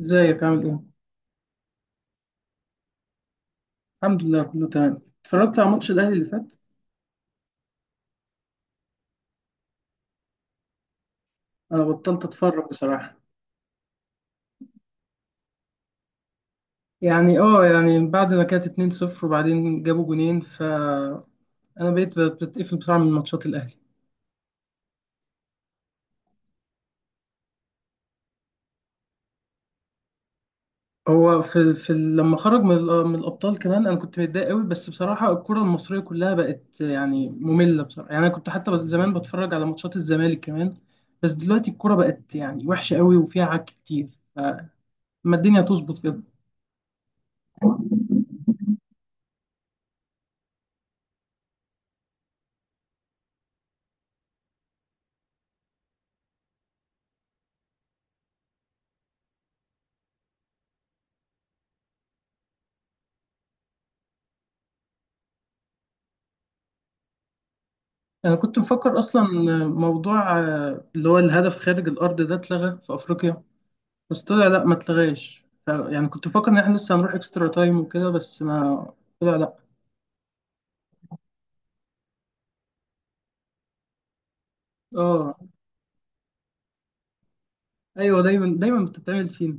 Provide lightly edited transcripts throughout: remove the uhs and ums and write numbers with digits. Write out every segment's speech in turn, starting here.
ازيك عامل ايه؟ الحمد لله، كله تمام. اتفرجت على ماتش الاهلي اللي فات. انا بطلت اتفرج بصراحة. يعني بعد ما كانت 2-0 وبعدين جابوا جونين، ف انا بقيت بتقفل بسرعة من ماتشات الاهلي. هو في لما خرج من الابطال كمان. انا كنت متضايق قوي بس بصراحة الكرة المصرية كلها بقت يعني مملة بصراحة. يعني انا كنت حتى زمان بتفرج على ماتشات الزمالك كمان. بس دلوقتي الكرة بقت يعني وحشة قوي وفيها عك كتير. فما الدنيا تظبط كده. أنا كنت مفكر أصلا موضوع اللي هو الهدف خارج الأرض ده اتلغى في أفريقيا. بس طلع لأ، ما اتلغاش. يعني كنت مفكر إن إحنا لسه هنروح إكسترا تايم وكده، بس ما طلع لأ. آه. أيوه، دايما دايما بتتعمل فينا.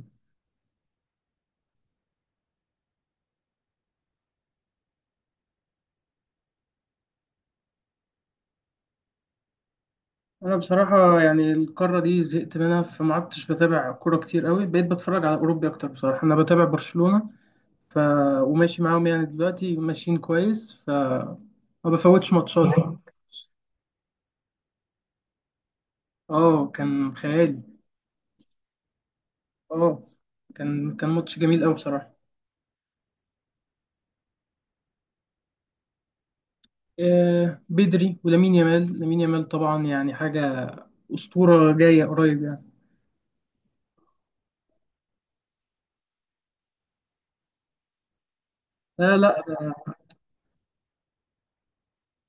أنا بصراحة يعني القارة دي زهقت منها، فما عدتش بتابع كورة كتير قوي. بقيت بتفرج على أوروبي أكتر بصراحة. أنا بتابع برشلونة ف... وماشي معاهم يعني، دلوقتي ماشيين كويس. ف ما بفوتش ماتشات يعني. آه، كان خيالي. اه، كان ماتش جميل قوي بصراحه. آه بدري ولامين يامال، لامين يامال طبعا يعني حاجه اسطوره جايه قريب يعني. لا لا ده،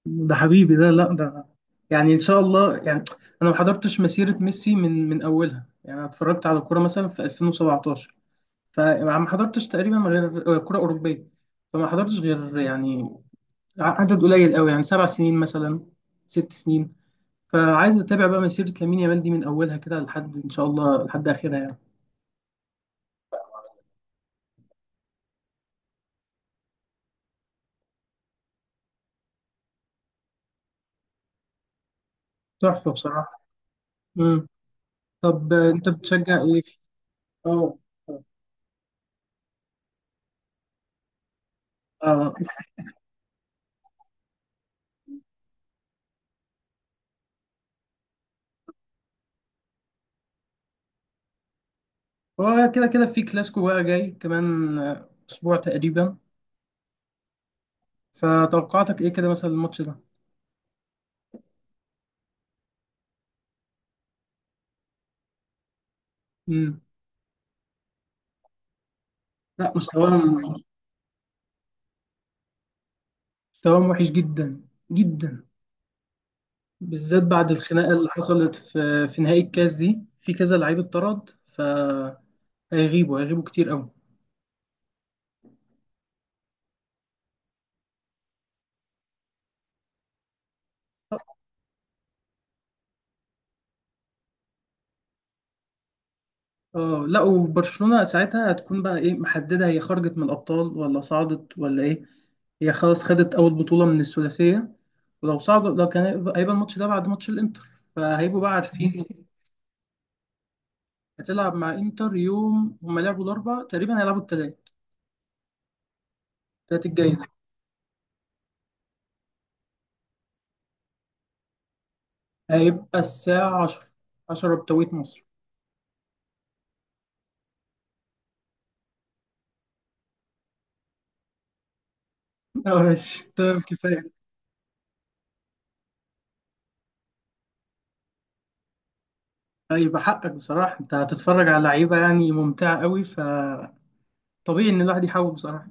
ده حبيبي ده. لا ده يعني ان شاء الله يعني. انا ما حضرتش مسيره ميسي من اولها يعني. انا اتفرجت على الكوره مثلا في 2017. فما حضرتش تقريبا غير كوره اوروبيه. فما حضرتش غير يعني عدد قليل قوي، يعني 7 سنين مثلا، 6 سنين. فعايز اتابع بقى مسيرة لامين يامال دي من اولها كده لحد ان شاء الله لحد اخرها يعني. تحفة بصراحة. امم. طب، انت بتشجع ايه؟ اه. اه. هو كده كده في كلاسيكو بقى جاي كمان اسبوع تقريبا. فتوقعاتك ايه كده مثلا الماتش ده؟ امم. لا، مستواهم وحش جدا، جدا. بالذات بعد الخناقة اللي حصلت في نهائي الكاس دي، في كذا لعيب اتطرد. فهيغيبوا كتير قوي. اه لا، وبرشلونة ساعتها هتكون بقى ايه محددة؟ هي خرجت من الأبطال ولا صعدت ولا ايه؟ هي خلاص خدت أول بطولة من الثلاثية. ولو صعدوا، لو كان هيبقى الماتش ده بعد ماتش الإنتر، فهيبقوا بقى عارفين. هتلعب مع إنتر يوم. هما لعبوا الأربع تقريبا، هيلعبوا التلات، التلات الجاي ده. هيبقى الساعة 10، عشرة بتوقيت مصر. اه ماشي، تمام، كفاية. هيبقى حقك بصراحة، انت هتتفرج على لعيبة يعني ممتعة قوي فطبيعي ان الواحد يحاول بصراحة.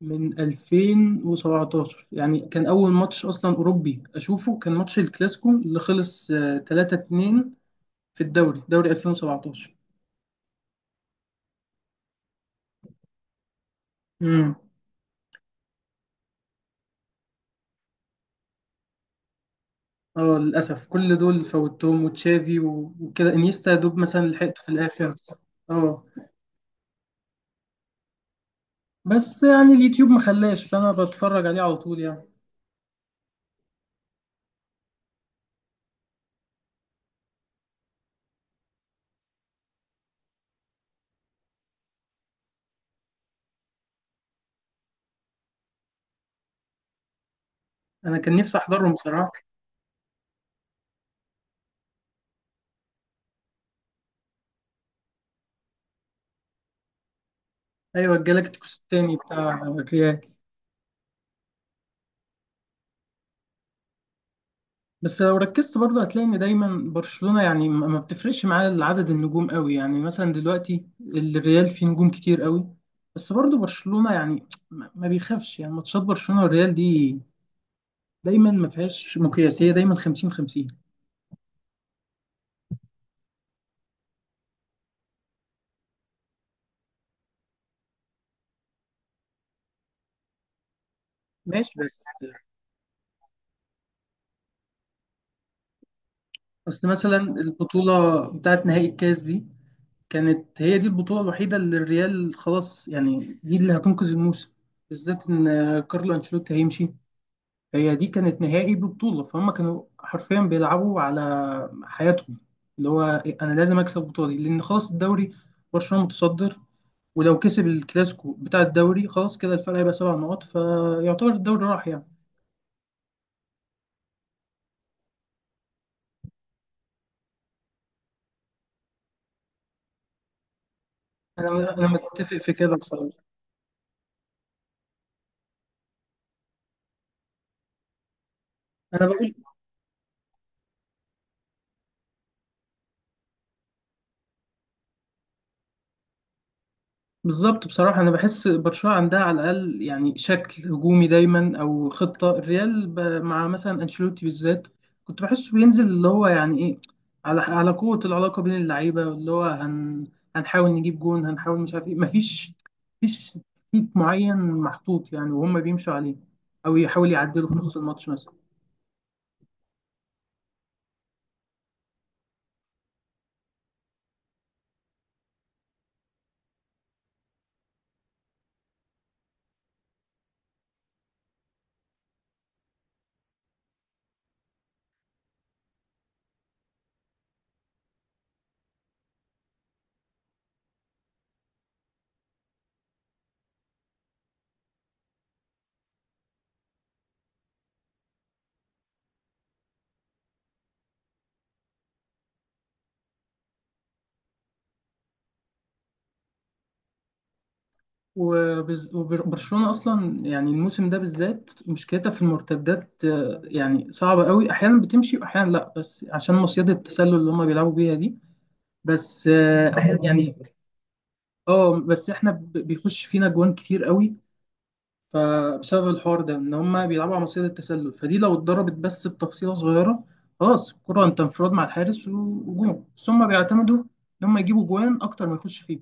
من 2017، يعني كان أول ماتش أصلا أوروبي أشوفه كان ماتش الكلاسيكو اللي خلص 3-2. في الدوري، دوري 2017. امم. اه للأسف، كل دول فوتهم. وتشافي وكده، انيستا يا دوب مثلا لحقته في الآخر. اه، بس يعني اليوتيوب ما خلاش، فأنا بتفرج عليه على طول يعني. أنا كان نفسي أحضرهم بصراحة. أيوة، الجالاكتيكوس التاني بتاع الريال. بس لو ركزت برضه هتلاقي ان دايما برشلونة يعني ما بتفرقش معاه عدد النجوم قوي، يعني مثلا دلوقتي الريال فيه نجوم كتير قوي. بس برضه برشلونة يعني ما بيخافش، يعني ماتشات برشلونة والريال دي دايما ما فيهاش مقياسية، دايما 50-50. ماشي بس، اصل مثلا البطولة بتاعت نهائي الكاس دي كانت هي دي البطولة الوحيدة اللي الريال خلاص يعني، دي اللي هتنقذ الموسم. بالذات ان كارلو انشيلوتي هيمشي. هي دي كانت نهائي ببطولة، فهم كانوا حرفيا بيلعبوا على حياتهم. اللي هو أنا لازم أكسب البطولة دي، لأن خلاص الدوري برشلونة متصدر. ولو كسب الكلاسيكو بتاع الدوري، خلاص كده الفرق هيبقى 7 نقط، فيعتبر الدوري راح يعني. أنا متفق في كده بصراحة. أنا بقول، بالظبط بصراحة، أنا بحس برشلونة عندها على الأقل يعني شكل هجومي دايما. أو خطة الريال مع مثلا أنشيلوتي بالذات، كنت بحسه بينزل اللي هو يعني إيه، على قوة العلاقة بين اللعيبة، واللي هو هنحاول نجيب جون، هنحاول مش عارف إيه. مفيش تكتيك معين محطوط يعني وهم بيمشوا عليه، أو يحاول يعدلوا في نص الماتش مثلا. وبرشلونة أصلا يعني الموسم ده بالذات مشكلتها في المرتدات. يعني صعبة قوي، أحيانا بتمشي وأحيانا لأ، بس عشان مصيدة التسلل اللي هما بيلعبوا بيها دي. بس أحيانا يعني. اه، بس احنا بيخش فينا جوان كتير قوي، فبسبب الحوار ده ان هما بيلعبوا على مصيدة التسلل، فدي لو اتضربت بس بتفصيلة صغيرة، خلاص الكرة انت انفراد مع الحارس وجون. بس هما بيعتمدوا ان هما يجيبوا جوان أكتر ما يخش فيه.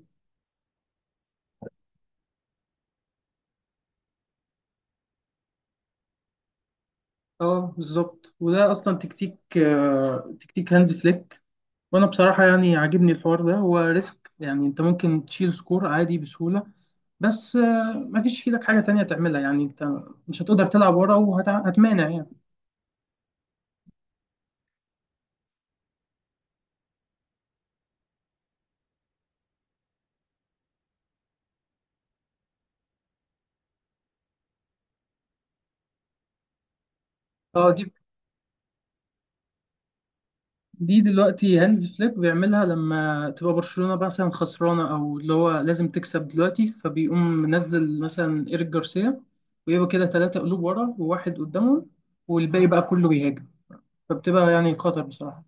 اه بالظبط، وده اصلا تكتيك تكتيك هانز فليك. وانا بصراحه يعني عاجبني الحوار ده، هو ريسك يعني، انت ممكن تشيل سكور عادي بسهوله. بس مفيش في ايدك حاجه تانية تعملها يعني، انت مش هتقدر تلعب ورا وهتمانع يعني. اه، دي دلوقتي هانز فليك بيعملها لما تبقى برشلونه مثلا خسرانه، او اللي هو لازم تكسب دلوقتي، فبيقوم منزل مثلا ايريك جارسيا. ويبقى كده 3 قلوب ورا وواحد قدامهم، والباقي بقى كله بيهاجم، فبتبقى يعني خطر بصراحه.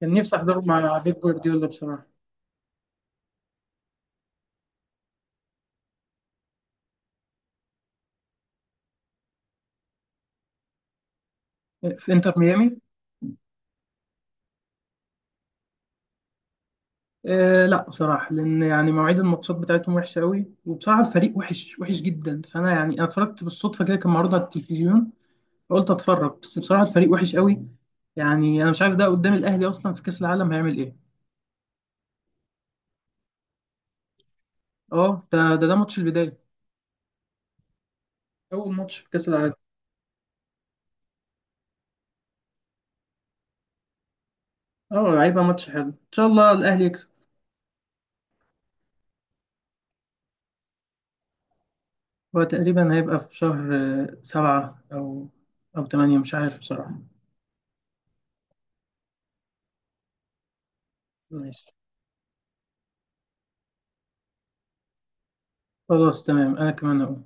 كان نفسي احضره مع بيب جوارديولا بصراحه. في انتر ميامي. آه لا بصراحه، لان يعني مواعيد الماتشات بتاعتهم وحشه قوي، وبصراحه الفريق وحش وحش جدا. فانا يعني انا اتفرجت بالصدفه كده، كان معروض على التلفزيون، فقلت اتفرج. بس بصراحه الفريق وحش قوي. يعني انا مش عارف ده قدام الاهلي اصلا في كاس العالم هيعمل ايه. اه، ده ماتش البدايه، اول ماتش في كاس العالم. اه، هيبقى ماتش حلو، ان شاء الله الاهلي يكسب. هو تقريبا هيبقى في شهر 7 او 8، مش عارف بصراحه. ماشي. خلاص تمام، انا كمان اقول